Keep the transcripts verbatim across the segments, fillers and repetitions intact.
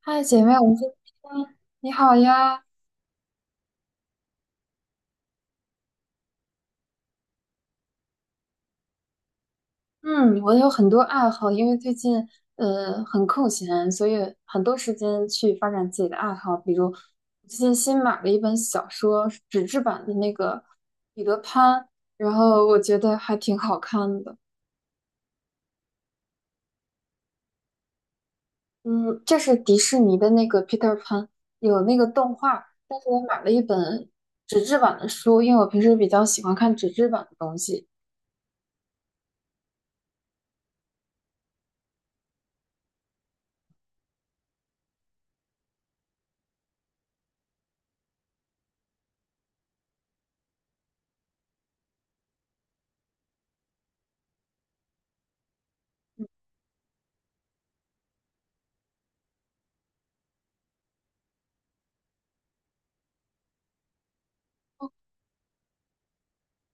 嗨，姐妹，我们今天。你好呀。嗯，我有很多爱好，因为最近呃很空闲，所以很多时间去发展自己的爱好。比如最近新买了一本小说，是纸质版的那个《彼得潘》，然后我觉得还挺好看的。嗯，这是迪士尼的那个《Peter 潘》，有那个动画，但是我买了一本纸质版的书，因为我平时比较喜欢看纸质版的东西。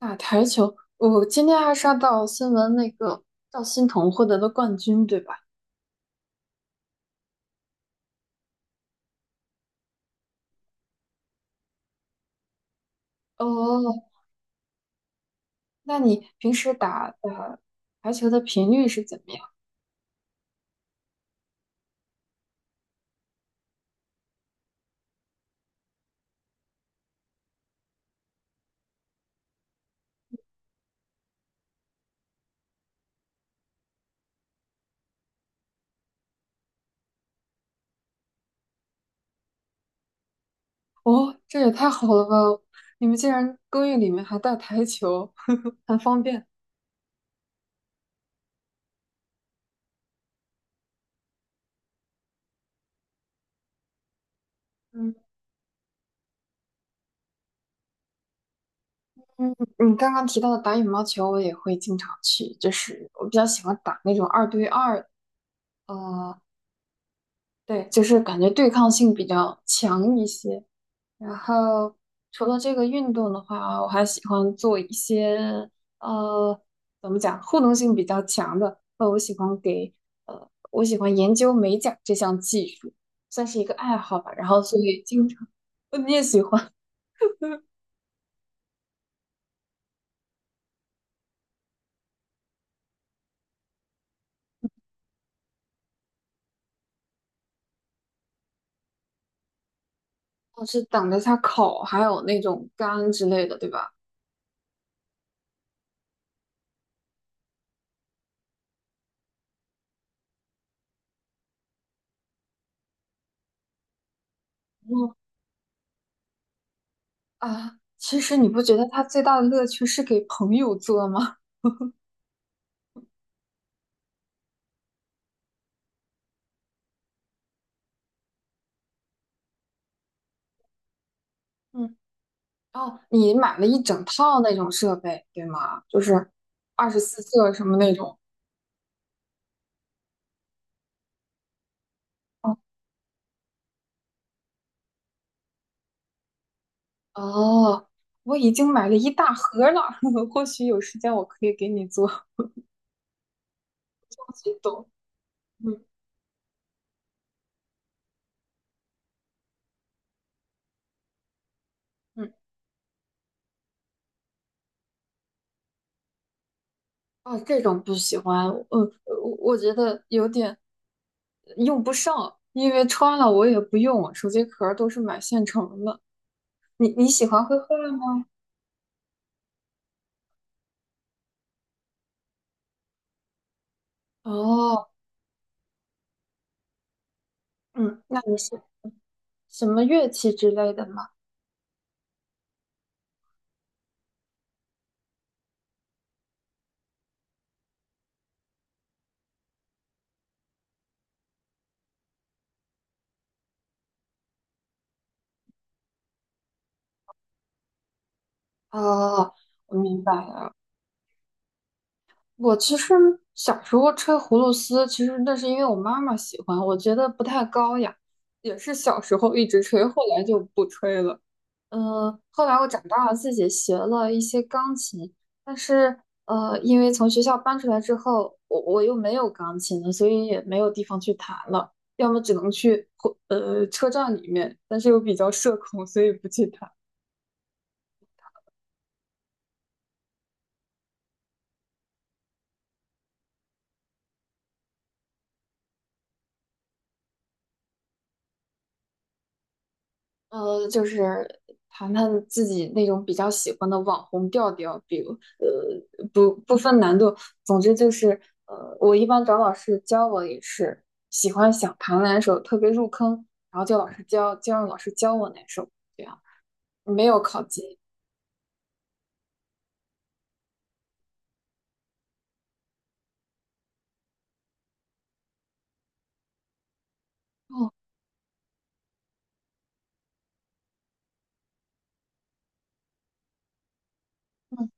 打台球，我今天还刷到新闻，那个赵欣童获得了冠军，对吧？哦，那你平时打打台球的频率是怎么样？哦，这也太好了吧！你们竟然公寓里面还带台球，很方便。嗯嗯，你刚刚提到的打羽毛球，我也会经常去，就是我比较喜欢打那种二对二。呃，对，就是感觉对抗性比较强一些。然后除了这个运动的话，我还喜欢做一些呃，怎么讲，互动性比较强的。呃，我喜欢给呃，我喜欢研究美甲这项技术，算是一个爱好吧。然后所以经常，你也喜欢，我是等着它烤，还有那种干之类的，对吧？嗯啊，其实你不觉得它最大的乐趣是给朋友做吗？嗯。哦，你买了一整套那种设备，对吗？就是二十四色什么那种。哦，哦，我已经买了一大盒了，或许有时间我可以给你做。我不懂。嗯嗯，哦，这种不喜欢。呃，我我觉得有点用不上，因为穿了我也不用，手机壳儿都是买现成的。你你喜欢绘画吗？哦，嗯，那你是什么乐器之类的吗？哦，我明白了。我其实小时候吹葫芦丝，其实那是因为我妈妈喜欢，我觉得不太高雅，也是小时候一直吹，后来就不吹了。嗯，后来我长大了，自己学了一些钢琴，但是呃，因为从学校搬出来之后，我我又没有钢琴了，所以也没有地方去弹了，要么只能去火呃车站里面，但是又比较社恐，所以不去弹。呃，就是弹弹自己那种比较喜欢的网红调调，比如。不不分难度，总之就是，呃，我一般找老师教我也是喜欢想弹哪首特别入坑，然后叫老师教，就让老师教我哪首，这样没有考级。哦，嗯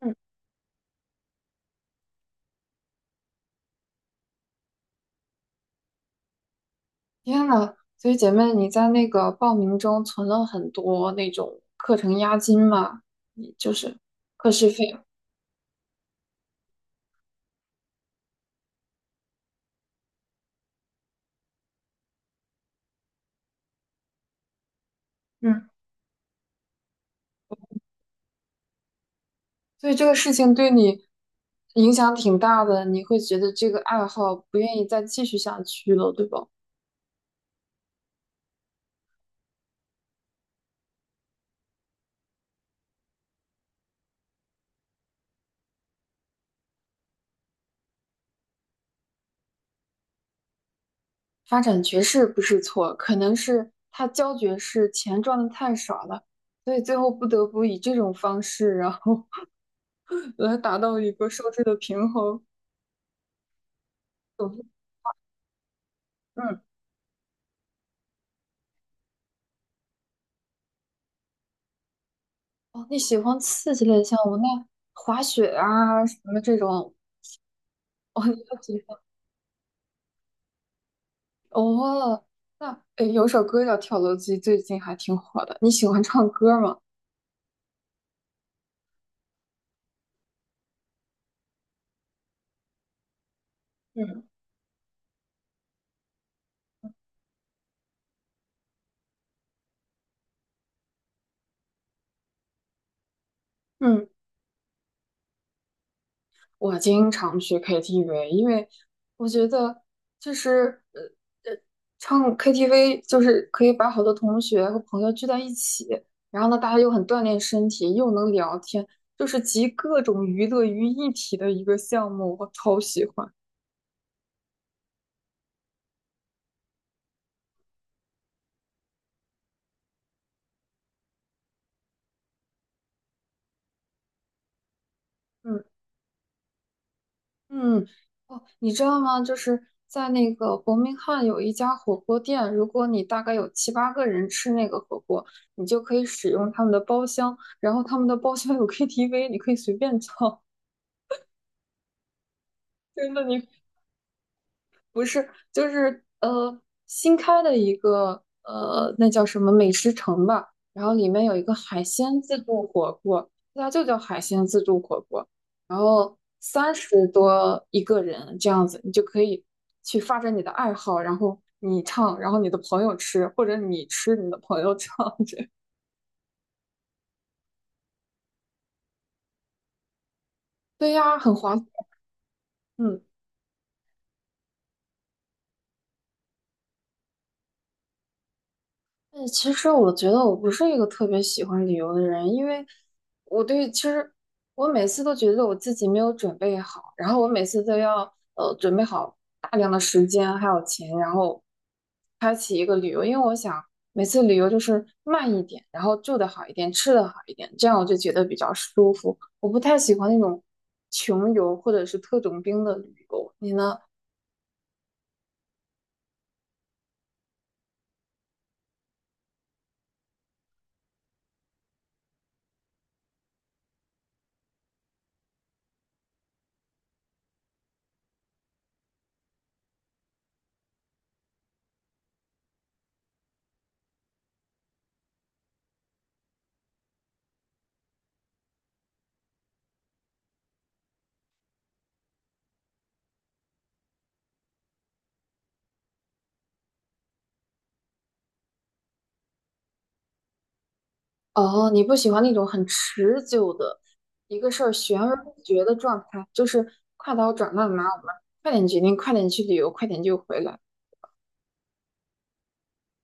嗯，天呐，所以姐妹你在那个报名中存了很多那种课程押金嘛，你就是课时费。嗯，所以这个事情对你影响挺大的，你会觉得这个爱好不愿意再继续下去了，对吧？发展爵士不是错，可能是他教爵士钱赚的太少了，所以最后不得不以这种方式，然后 来达到一个收支的平衡。总之。嗯，哦，你喜欢刺激类的项目，那滑雪啊什么这种，哦，你都喜欢哦。那诶，有首歌叫《跳楼机》，最近还挺火的。你喜欢唱歌吗？嗯嗯，我经常去 K T V，因为我觉得就是呃唱 K T V 就是可以把好多同学和朋友聚在一起，然后呢，大家又很锻炼身体，又能聊天，就是集各种娱乐于一体的一个项目，我超喜欢。嗯嗯，哦，你知道吗？就是在那个伯明翰有一家火锅店，如果你大概有七八个人吃那个火锅，你就可以使用他们的包厢，然后他们的包厢有 K T V，你可以随便唱，真的，你不是，就是呃新开的一个呃那叫什么美食城吧，然后里面有一个海鲜自助火锅，它就叫海鲜自助火锅，然后三十多一个人这样子，你就可以去发展你的爱好，然后你唱，然后你的朋友吃，或者你吃你的朋友唱，这对呀，很划算，嗯。哎，其实我觉得我不是一个特别喜欢旅游的人，因为我对其实我每次都觉得我自己没有准备好，然后我每次都要呃准备好大量的时间还有钱，然后每次旅游就是慢一点，然后住的好一点，吃的好一点，这样我就觉得比较舒服。我不太喜欢那种穷游或者是特种兵的旅游，你呢？哦，你不喜欢那种很持久的一个事儿悬而不决的状态，就是快刀斩乱麻，我们快点决定，快点去旅游，快点就回来。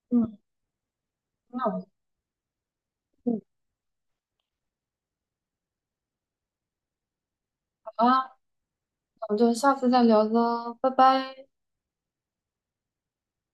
嗯，那我们嗯好啦，我们就下次再聊喽，拜拜。